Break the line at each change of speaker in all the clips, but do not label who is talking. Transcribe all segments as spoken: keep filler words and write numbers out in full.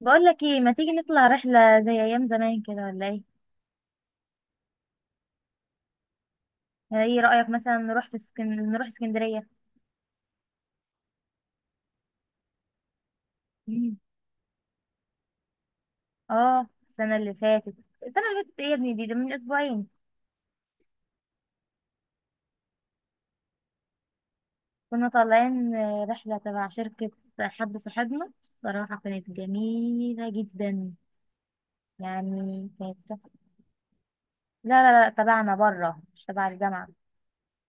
بقول لك ايه، ما تيجي نطلع رحلة زي ايام زمان كده ولا ايه؟ يعني ايه رأيك مثلا نروح في سكن... نروح اسكندرية. مم. اه، السنة اللي فاتت. السنة اللي فاتت ايه يا ابني؟ دي ده من اسبوعين. كنا طالعين آه، رحلة تبع شركة. حد صاحبنا. صراحة كانت جميلة جدا، يعني كانت تحفة. لا لا لا، تبعنا بره مش تبع الجامعة.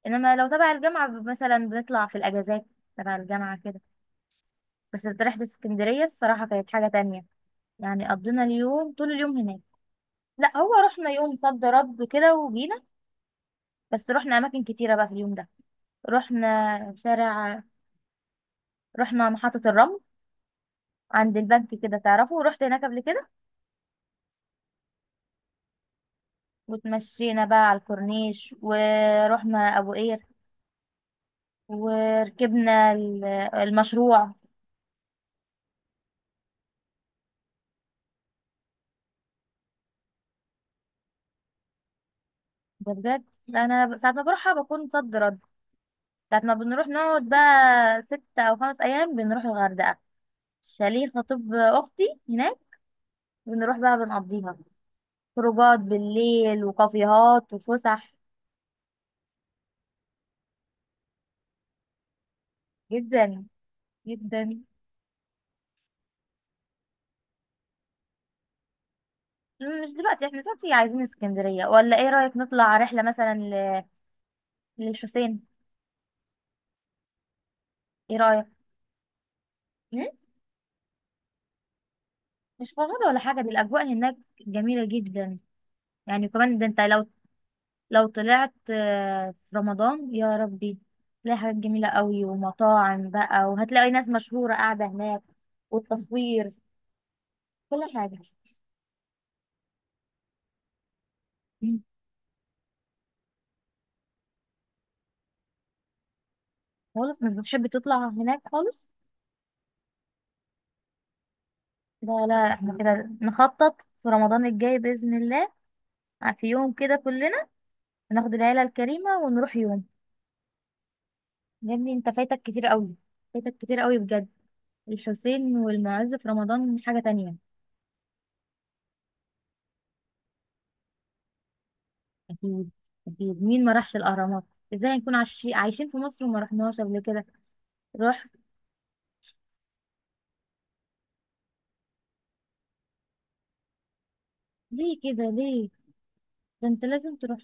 انما لو تبع الجامعة مثلا بنطلع في الاجازات. تبع الجامعة كده. بس رحلة اسكندرية الصراحة كانت حاجة تانية. يعني قضينا اليوم، طول اليوم هناك. لا هو رحنا يوم صد رد كده وجينا. بس رحنا اماكن كتيره بقى في اليوم ده. رحنا شارع. رحنا محطه الرمل، عند البنك كده، تعرفه؟ رحت هناك قبل كده. وتمشينا بقى على الكورنيش ورحنا ابو قير، وركبنا ال- المشروع. ده بجد، لا انا ساعه ما بروحها بكون صد رد. ساعه ما بنروح نقعد بقى ست او خمس ايام، بنروح الغردقه. شاليه خطيب اختي هناك. بنروح بقى بنقضيها، خروجات بالليل وكافيهات وفسح. جدا جدا. مم، مش دلوقتي، احنا دلوقتي عايزين اسكندرية. ولا ايه رأيك نطلع رحلة مثلا ل- للحسين؟ ايه رأيك؟ مم؟ مش فرهدة ولا حاجة، دي الأجواء هناك جميلة جدا. يعني كمان ده انت، لو لو طلعت آه، في رمضان، يا ربي تلاقي حاجات جميلة قوي، ومطاعم بقى، وهتلاقي ناس مشهورة قاعدة هناك، والتصوير، كل حاجة. مم. خالص، مش بتحب تطلع هناك خالص. لا لا، احنا كده نخطط في رمضان الجاي بإذن الله، في يوم كده كلنا. هناخد العيلة الكريمة ونروح يوم. يا ابني انت فايتك كتير قوي. فايتك كتير قوي بجد. الحسين والمعز في رمضان حاجة تانية. أكيد. أكيد، مين ما راحش الأهرامات؟ ازاي هنكون عايشين عايشين في مصر وما رحناهاش قبل كده؟ روح. ليه كده، ليه؟ ده انت لازم تروح.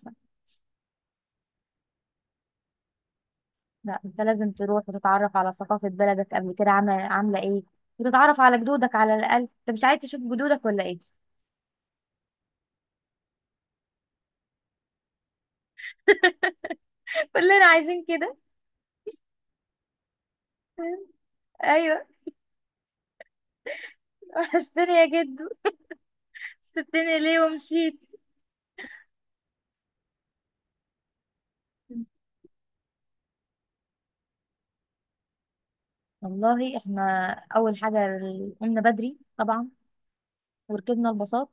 لا انت لازم تروح وتتعرف على ثقافة بلدك قبل كده. عاملة عاملة ايه؟ وتتعرف على جدودك، على الأقل انت مش عايز تشوف جدودك ولا ايه؟ كلنا عايزين كده. ايوه. وحشتني يا جدو، سبتني ليه ومشيت؟ والله احنا اول حاجه قمنا بدري طبعا، وركبنا الباصات.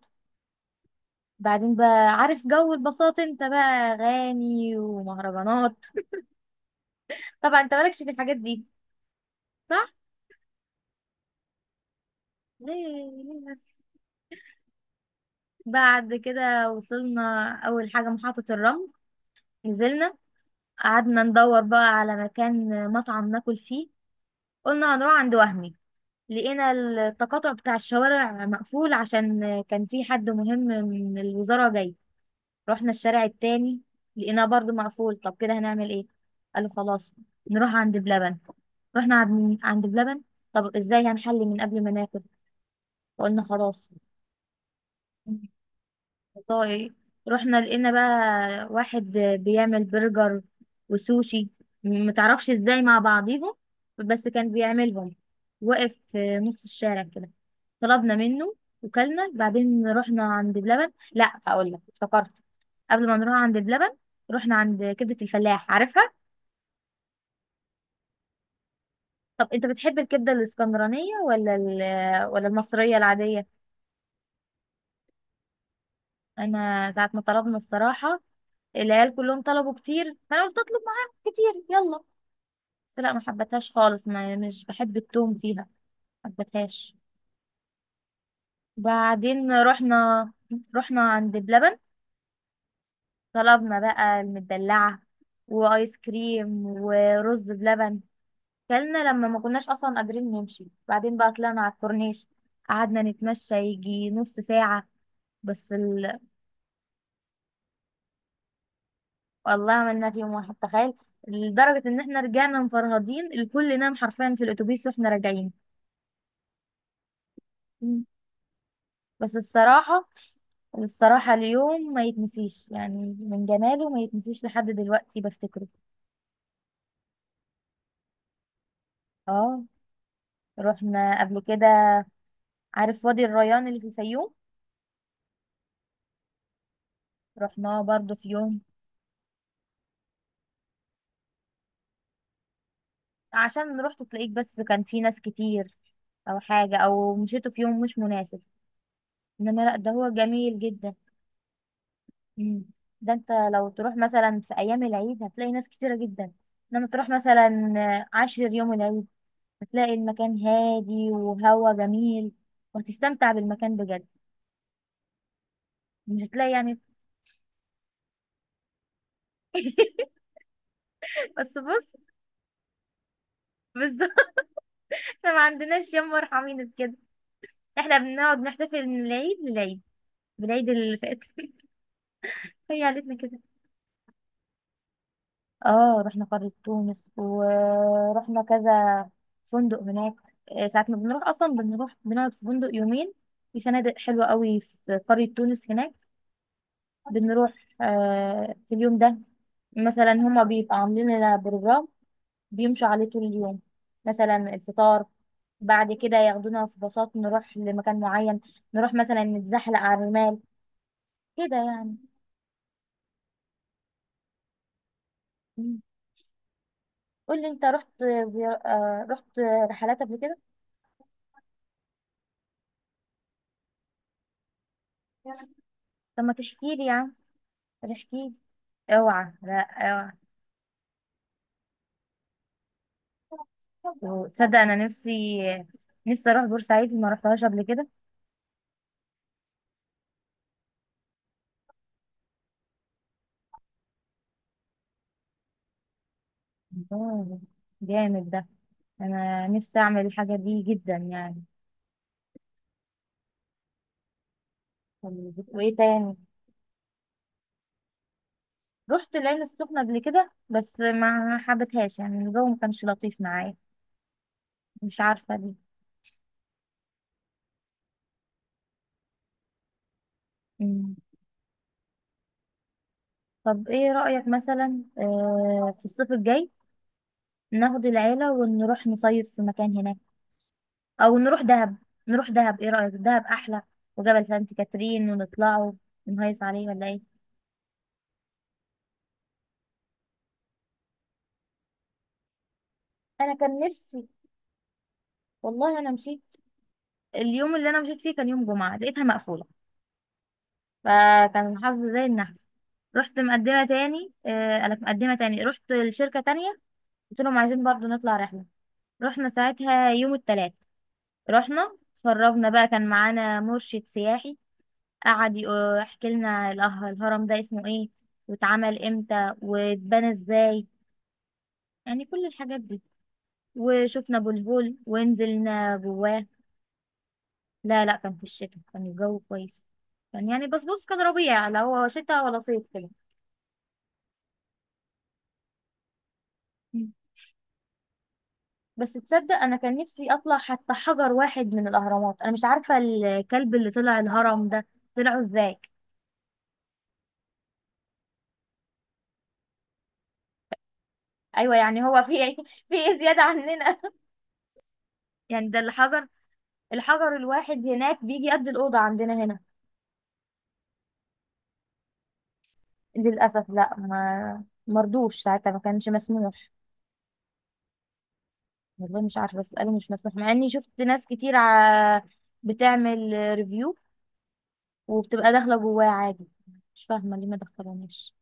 بعدين بقى، عارف جو الباصات؟ انت بقى اغاني ومهرجانات، طبعا انت مالكش في الحاجات دي. صح؟ ليه؟ ليه بس؟ بعد كده وصلنا اول حاجه محطه الرمل. نزلنا. قعدنا ندور بقى على مكان مطعم ناكل فيه. قلنا هنروح عند وهمي. لقينا التقاطع بتاع الشوارع مقفول، عشان كان في حد مهم من الوزاره جاي. رحنا الشارع التاني، لقيناه برضو مقفول. طب كده هنعمل ايه؟ قالوا خلاص، نروح عند بلبن. رحنا عند عند بلبن. طب ازاي هنحل من قبل ما ناكل؟ فقلنا خلاص. والله رحنا لقينا بقى واحد بيعمل برجر وسوشي، م- متعرفش ازاي مع بعضيهم، بس كان بيعملهم. وقف في نص الشارع كده، طلبنا منه وكلنا. بعدين رحنا عند بلبن. لا هقول لك، افتكرت، قبل ما نروح عند بلبن رحنا عند كبدة الفلاح، عارفها؟ طب انت بتحب الكبدة الاسكندرانية ولا ال- ولا المصرية العادية؟ انا ساعة ما طلبنا الصراحة، العيال كلهم طلبوا كتير، فانا قلت اطلب معاهم كتير يلا. بس لا، ما حبتهاش خالص، ما مش بحب التوم فيها. ما حبتهاش. بعدين رحنا، رحنا عند بلبن. طلبنا بقى المدلعة وآيس كريم ورز بلبن، كلنا لما ما كناش أصلا قادرين نمشي. بعدين بقى طلعنا على الكورنيش، قعدنا نتمشى يجي نص ساعة، بس ال... والله عملنا في يوم واحد، تخيل. لدرجة إن احنا رجعنا مفرهدين، الكل نام حرفيا في الأتوبيس واحنا راجعين. بس الصراحة، الصراحة اليوم ما يتنسيش، يعني من جماله ما يتنسيش لحد دلوقتي بفتكره. اه، رحنا قبل كده. عارف وادي الريان اللي في الفيوم؟ رحناه برضو في يوم. عشان رحت تلاقيك بس كان في ناس كتير او حاجة، او مشيته في يوم مش مناسب. انما لا، ده هو جميل جدا. مم. ده انت لو تروح مثلا في ايام العيد هتلاقي ناس كتيرة جدا. انما تروح مثلا عاشر يوم العيد، هتلاقي المكان هادي وهوا جميل، وهتستمتع بالمكان بجد، مش هتلاقي يعني. بس بص، بالظبط. احنا ما عندناش يوم مرحمين كده. احنا بنقعد نحتفل من العيد للعيد، بالعيد اللي فات. هي عيلتنا كده. اه، رحنا قرية تونس ورحنا كذا فندق هناك. آه، ساعة ما بنروح اصلا بنروح بنقعد في فندق يومين. في فنادق حلوة قوي في قرية تونس هناك. بنروح آه، في اليوم ده مثلا هما بيبقى عاملين لنا بروجرام بيمشوا عليه طول اليوم. مثلا الفطار، بعد كده ياخدونا في باصات نروح لمكان معين، نروح مثلا نتزحلق على الرمال، كده يعني. مم. قولي انت، رحت زيار... آه، رحت رحلات قبل كده؟ طب ما تحكي لي يعني. احكي لي. اوعى لا اوعى. وتصدق انا نفسي، نفسي اروح بورسعيد، ما رحتهاش قبل كده. الله، جامد ده. انا نفسي اعمل الحاجه دي جدا يعني. طب وايه تاني؟ رحت العين السخنة قبل كده بس ما حبتهاش، يعني الجو ما كانش لطيف معايا، مش عارفة ليه. مم. طب ايه رأيك مثلا آه في الصيف الجاي ناخد العيلة ونروح نصيف في مكان هناك، او نروح دهب. نروح دهب، ايه رأيك؟ دهب احلى، وجبل سانت كاترين ونطلعوا نهيص عليه ولا ايه؟ انا كان نفسي. والله انا مشيت، اليوم اللي انا مشيت فيه كان يوم جمعة، لقيتها مقفولة. فكان الحظ زي النحس. رحت مقدمة تاني آه، أنا مقدمة تاني رحت لشركة تانية. قلت لهم عايزين برضو نطلع رحلة. رحنا ساعتها يوم التلات. رحنا اتفرجنا بقى، كان معانا مرشد سياحي. قعد يق- يحكي لنا الأه- الهرم ده اسمه ايه، واتعمل امتى، واتبنى ازاي، يعني كل الحاجات دي. وشفنا ابو الهول ونزلنا جواه. لا لا، كان في الشتاء، كان الجو كويس. كان يعني، بس بص، كان ربيع، لا هو شتاء ولا صيف كده. مم. بس تصدق انا كان نفسي اطلع حتى حجر واحد من الاهرامات. انا مش عارفه الكلب اللي طلع الهرم ده طلعه ازاي. ايوه يعني، هو في إيه؟ في ايه زياده عننا؟ يعني ده الحجر، الحجر الواحد هناك بيجي قد الاوضه عندنا هنا. للاسف لا، ما مرضوش ساعتها، ما كانش مسموح. والله مش عارفه، بس قالوا مش مسموح، مع اني شفت ناس كتير ع- بتعمل ريفيو، وبتبقى داخله جواه عادي. مش فاهمه ليه ما دخلوناش.